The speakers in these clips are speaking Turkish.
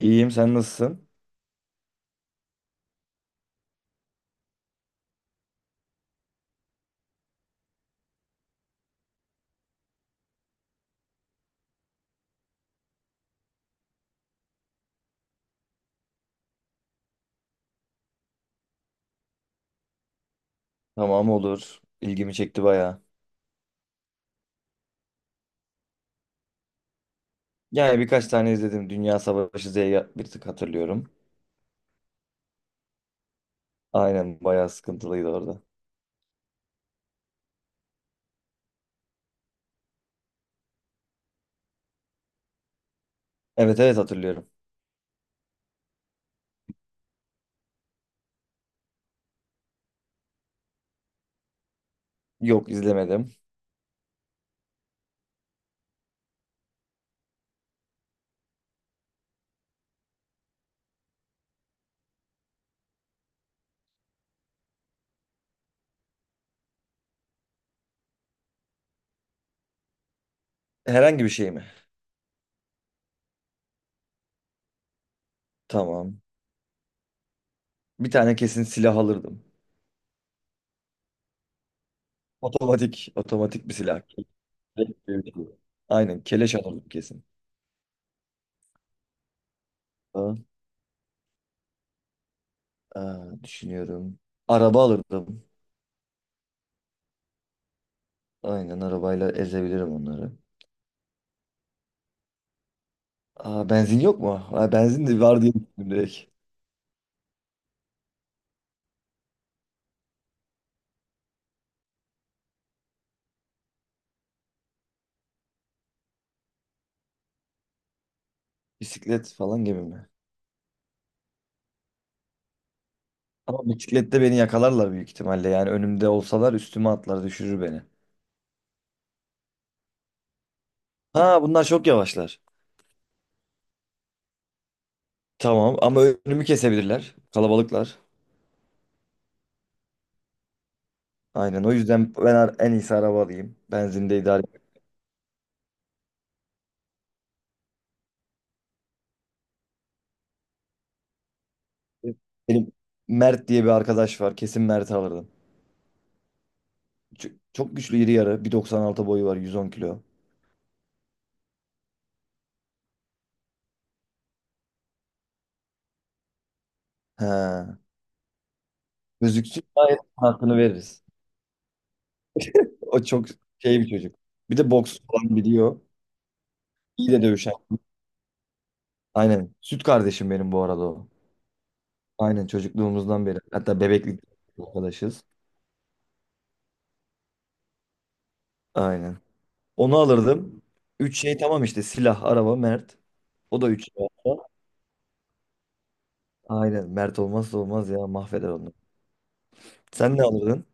İyiyim, sen nasılsın? Tamam, olur. İlgimi çekti bayağı. Yani birkaç tane izledim. Dünya Savaşı Z'yi bir tık hatırlıyorum. Aynen, bayağı sıkıntılıydı orada. Evet evet, hatırlıyorum. Yok, izlemedim. Herhangi bir şey mi? Tamam. Bir tane kesin silah alırdım. Otomatik bir silah. Aynen, keleş alırdım kesin. Aa, düşünüyorum. Araba alırdım. Aynen, arabayla ezebilirim onları. Aa, benzin yok mu? Aa, benzin de var diye düşündüm direkt. Bisiklet falan gibi mi? Ama bisiklette beni yakalarlar büyük ihtimalle. Yani önümde olsalar üstüme atlar, düşürür beni. Ha, bunlar çok yavaşlar. Tamam ama önümü kesebilirler. Kalabalıklar. Aynen, o yüzden ben en iyisi araba alayım. Benzinde idare edeyim. Benim Mert diye bir arkadaş var. Kesin Mert'i alırdım. Çok güçlü, iri yarı. 1.96 boyu var, 110 kilo. He. Gözüksün, gayet hakkını veririz. O çok şey bir çocuk. Bir de boks falan biliyor. İyi de dövüşen. Aynen. Süt kardeşim benim bu arada o. Aynen, çocukluğumuzdan beri. Hatta bebeklik arkadaşız. Aynen. Onu alırdım. Üç şey tamam işte: silah, araba, Mert. O da üç şey olsa. Aynen. Mert olmazsa olmaz ya, mahveder onu. Sen ne alırdın?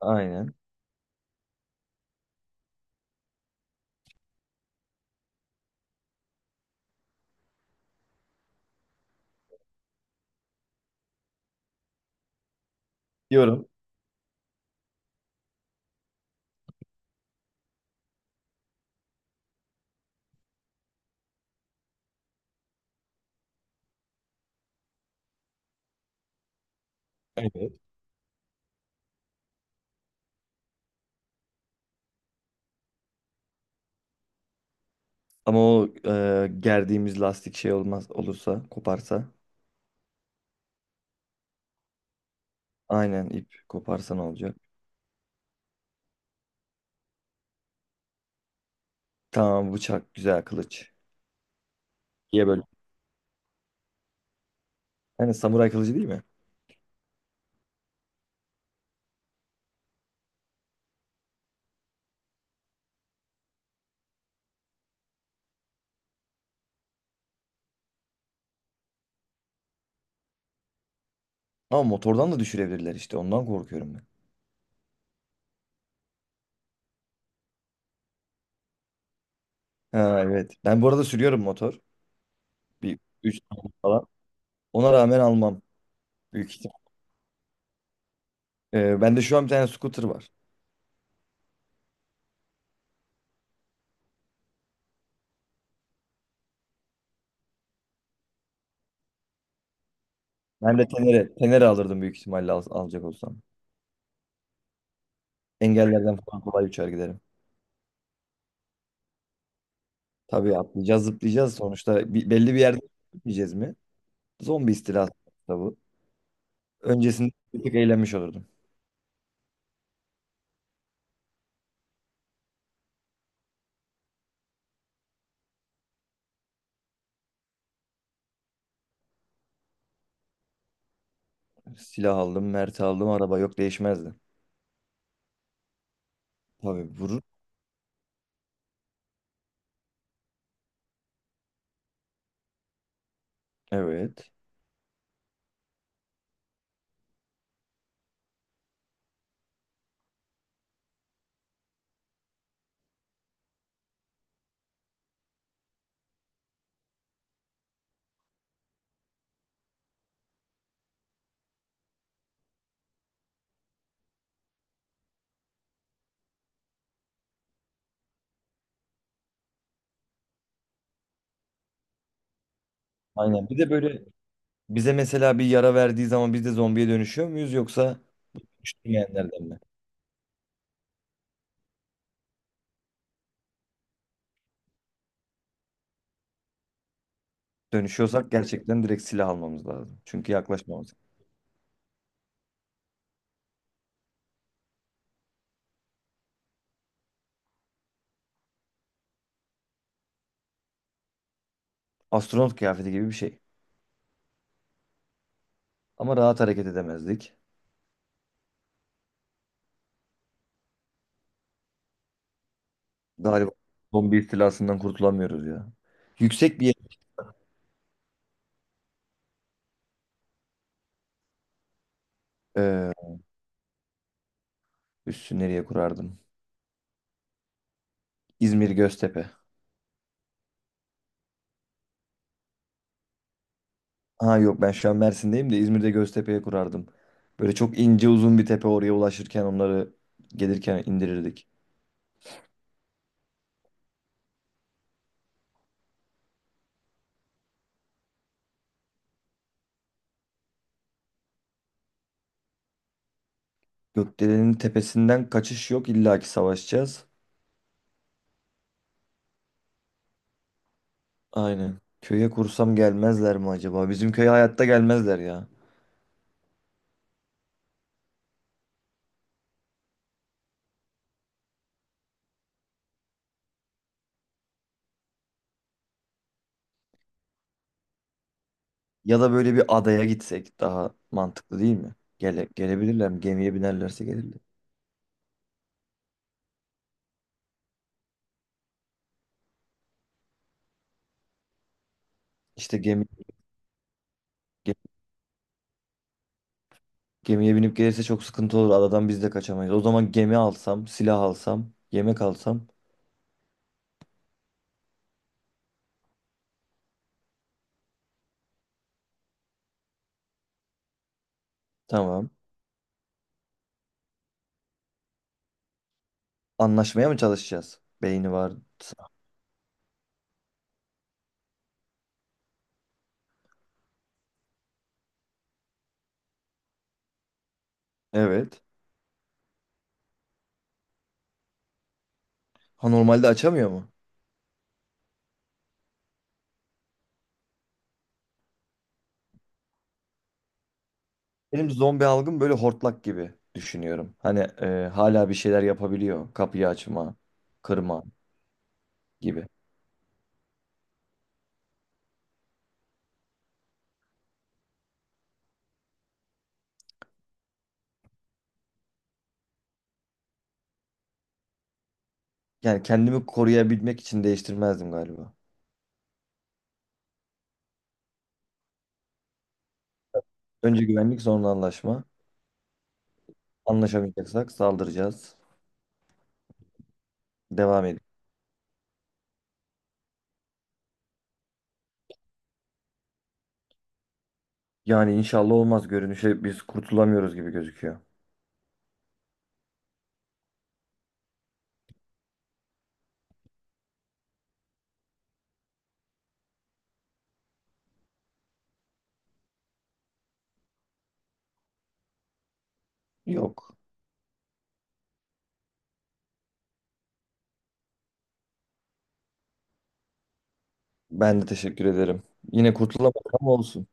Aynen. Diyorum. Evet. Ama o gerdiğimiz lastik şey olmaz, olursa koparsa. Aynen, ip koparsa ne olacak? Tamam, bıçak güzel, kılıç. Diye böyle. Yani samuray kılıcı değil mi? Ama motordan da düşürebilirler işte, ondan korkuyorum ben. Ha evet. Ben bu arada sürüyorum motor. Bir 3 tane falan. Ona rağmen almam büyük ihtimal. Bende şu an bir tane scooter var. Ben de Tenere alırdım büyük ihtimalle, alacak olsam. Engellerden falan kolay uçar giderim. Tabii, atlayacağız, zıplayacağız. Sonuçta belli bir yerde gitmeyeceğiz mi? Zombi istilası da bu. Öncesinde bir tık eğlenmiş olurdum. Silah aldım, Mert'i aldım, araba. Yok, değişmezdi. Tabii vurur. Evet. Aynen. Bir de böyle bize mesela bir yara verdiği zaman biz de zombiye dönüşüyor muyuz, yoksa üşümeyenlerden mi? Dönüşüyorsak gerçekten direkt silah almamız lazım. Çünkü yaklaşmamız. Astronot kıyafeti gibi bir şey. Ama rahat hareket edemezdik. Galiba zombi istilasından kurtulamıyoruz ya. Yüksek bir yer. Ee, Üssü nereye kurardım? İzmir Göztepe. Ha yok, ben şu an Mersin'deyim de İzmir'de Göztepe'ye kurardım. Böyle çok ince uzun bir tepe, oraya ulaşırken onları gelirken indirirdik. Gökdelenin tepesinden kaçış yok, illa ki savaşacağız. Aynen. Köye kursam gelmezler mi acaba? Bizim köye hayatta gelmezler ya. Ya da böyle bir adaya gitsek daha mantıklı değil mi? Gele, gelebilirler mi? Gemiye binerlerse gelirler. İşte gemi, ge- gemiye binip gelirse çok sıkıntı olur. Adadan biz de kaçamayız. O zaman gemi alsam, silah alsam, yemek alsam tamam. Anlaşmaya mı çalışacağız? Beyni var. Evet. Ha, normalde açamıyor mu? Benim zombi algım, böyle hortlak gibi düşünüyorum. Hani hala bir şeyler yapabiliyor. Kapıyı açma, kırma gibi. Yani kendimi koruyabilmek için değiştirmezdim galiba. Önce güvenlik, sonra anlaşma. Anlaşamayacaksak saldıracağız. Devam edelim. Yani inşallah olmaz. Görünüşe biz kurtulamıyoruz gibi gözüküyor. Yok. Ben de teşekkür ederim. Yine kurtulamadık ama olsun.